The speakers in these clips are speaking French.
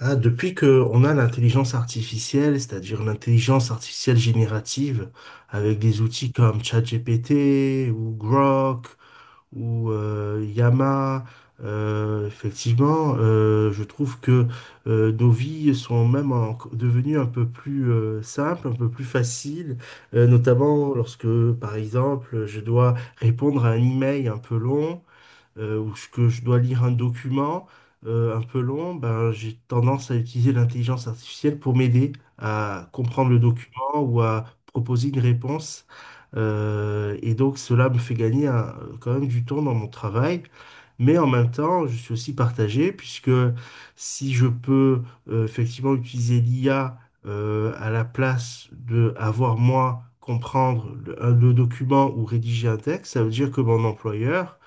Ah, depuis que on a l'intelligence artificielle, c'est-à-dire l'intelligence artificielle générative, avec des outils comme ChatGPT ou Grok ou Yama, effectivement, je trouve que nos vies sont devenues un peu plus simples, un peu plus faciles, notamment lorsque, par exemple, je dois répondre à un email un peu long ou ce que je dois lire un document un peu long, ben, j'ai tendance à utiliser l'intelligence artificielle pour m'aider à comprendre le document ou à proposer une réponse. Et donc cela me fait gagner quand même du temps dans mon travail. Mais en même temps, je suis aussi partagé puisque si je peux effectivement utiliser l'IA à la place de avoir moi comprendre le document ou rédiger un texte, ça veut dire que mon employeur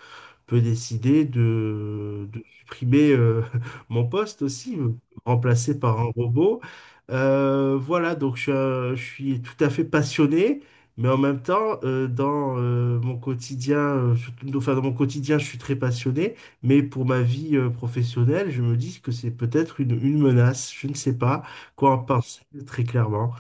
peut décider de supprimer mon poste aussi, me remplacer par un robot. Voilà, donc je suis tout à fait passionné, mais en même temps, dans mon quotidien, surtout, enfin, dans mon quotidien, je suis très passionné, mais pour ma vie professionnelle, je me dis que c'est peut-être une menace. Je ne sais pas quoi en penser très clairement.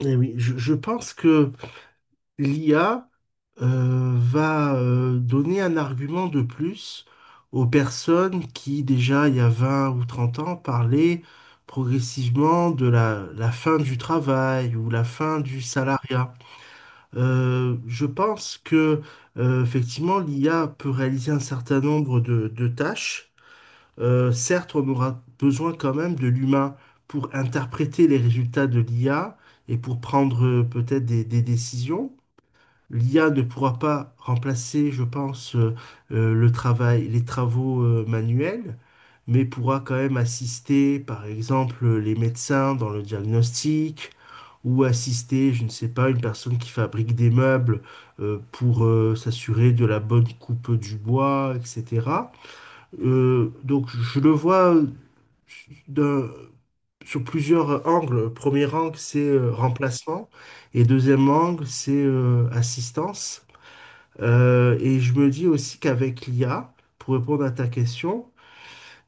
Et oui, je pense que l'IA va donner un argument de plus aux personnes qui, déjà il y a 20 ou 30 ans, parlaient progressivement de la fin du travail ou la fin du salariat. Je pense que, effectivement, l'IA peut réaliser un certain nombre de tâches. Certes, on aura besoin quand même de l'humain pour interpréter les résultats de l'IA et pour prendre peut-être des décisions. L'IA ne pourra pas remplacer, je pense, le travail, les travaux manuels, mais pourra quand même assister, par exemple, les médecins dans le diagnostic, ou assister, je ne sais pas, une personne qui fabrique des meubles pour s'assurer de la bonne coupe du bois, etc. Donc je le vois d'un- sur plusieurs angles. Premier angle, c'est remplacement, et deuxième angle, c'est assistance. Et je me dis aussi qu'avec l'IA, pour répondre à ta question,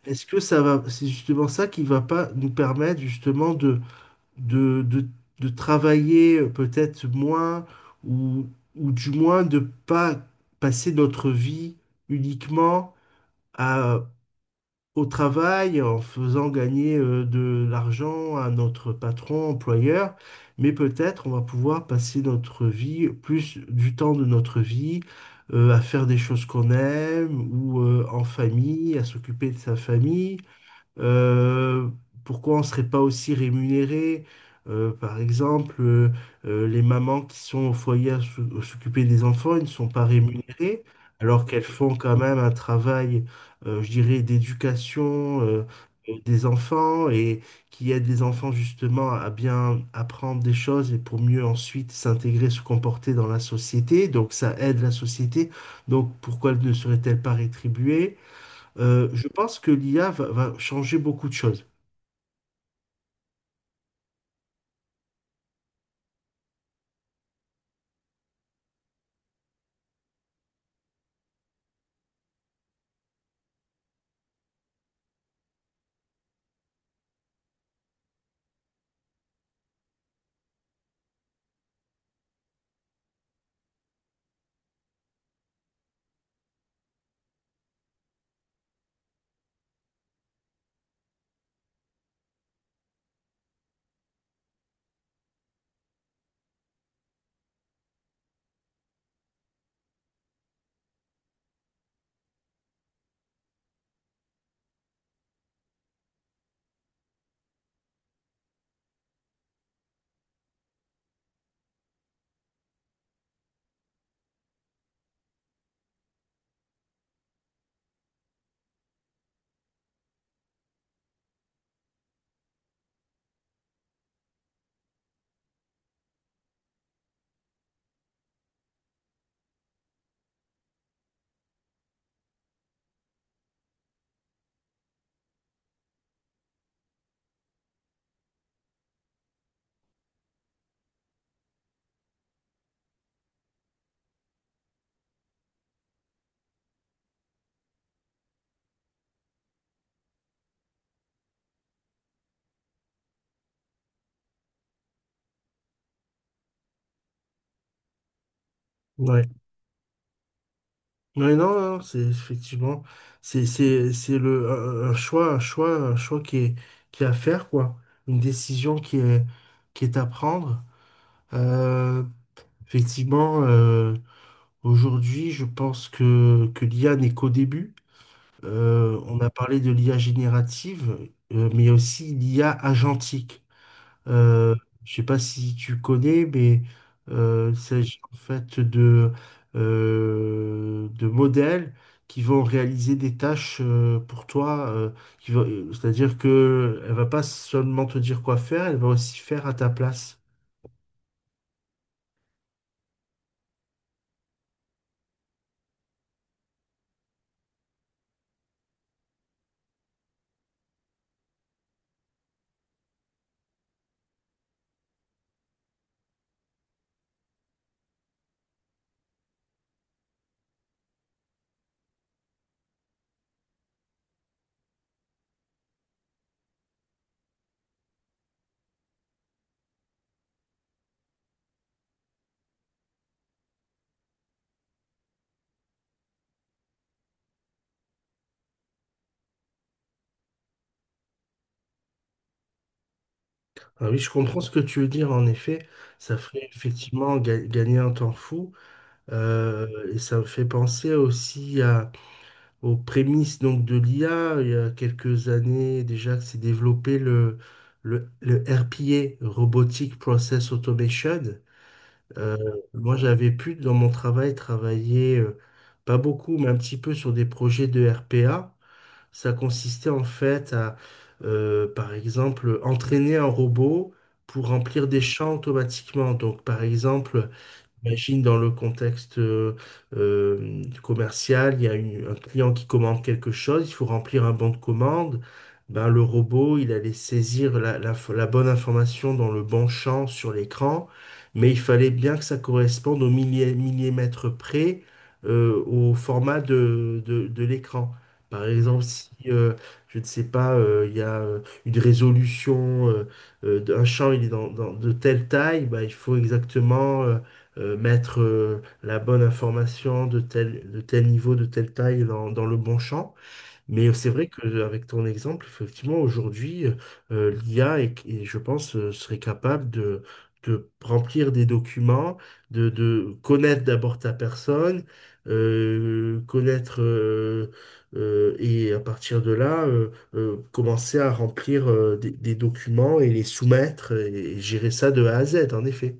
est-ce que ça va, c'est justement ça qui va pas nous permettre justement de, de, de travailler peut-être moins ou, ou du moins de pas passer notre vie uniquement à au travail en faisant gagner de l'argent à notre patron, employeur, mais peut-être on va pouvoir passer notre vie, plus du temps de notre vie, à faire des choses qu'on aime ou en famille, à s'occuper de sa famille. Euh, Pourquoi on ne serait pas aussi rémunéré? Par exemple, les mamans qui sont au foyer à s'occuper des enfants, ils ne sont pas rémunérées, alors qu'elles font quand même un travail, je dirais, d'éducation des enfants et qui aide les enfants justement à bien apprendre des choses et pour mieux ensuite s'intégrer, se comporter dans la société. Donc ça aide la société. Donc pourquoi ne serait-elle pas rétribuée? Je pense que l'IA va changer beaucoup de choses. Ouais. Ouais, non, non, c'est effectivement, c'est le un choix, un choix, un choix qui est à faire quoi, une décision qui est à prendre. Euh, Effectivement, aujourd'hui, je pense que l'IA n'est qu'au début. On a parlé de l'IA générative, mais il y a aussi l'IA agentique. Euh, je sais pas si tu connais, mais il s'agit en fait de modèles qui vont réaliser des tâches pour toi. C'est-à-dire que elle va pas seulement te dire quoi faire, elle va aussi faire à ta place. Alors oui, je comprends ce que tu veux dire. En effet, ça ferait effectivement gagner un temps fou. euh, et ça me fait penser aussi aux prémices donc de l'IA. Il y a quelques années déjà que s'est développé le RPA, Robotic Process Automation. Euh, Moi, j'avais pu dans mon travail travailler pas beaucoup, mais un petit peu sur des projets de RPA. Ça consistait en fait à, par exemple, entraîner un robot pour remplir des champs automatiquement. Donc, par exemple, j'imagine dans le contexte commercial, il y a un client qui commande quelque chose, il faut remplir un bon de commande. Ben, le robot, il allait saisir la bonne information dans le bon champ sur l'écran, mais il fallait bien que ça corresponde au millimètre près au format de l'écran. Par exemple, si, je ne sais pas, il y a une résolution, d'un champ, il est de telle taille, ben, il faut exactement mettre la bonne information de tel niveau, de telle taille dans le bon champ. Mais c'est vrai qu'avec ton exemple, effectivement, aujourd'hui, l'IA, est, je pense, serait capable de remplir des documents, de connaître d'abord ta personne, connaître. Et à partir de là, commencer à remplir des documents et les soumettre et gérer ça de A à Z, en effet.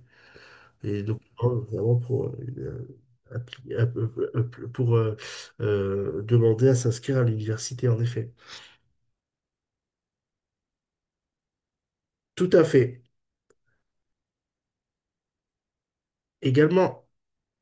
Et donc, hein, vraiment appli- euh, euh, pour demander à s'inscrire à l'université, en effet. Tout à fait. Également,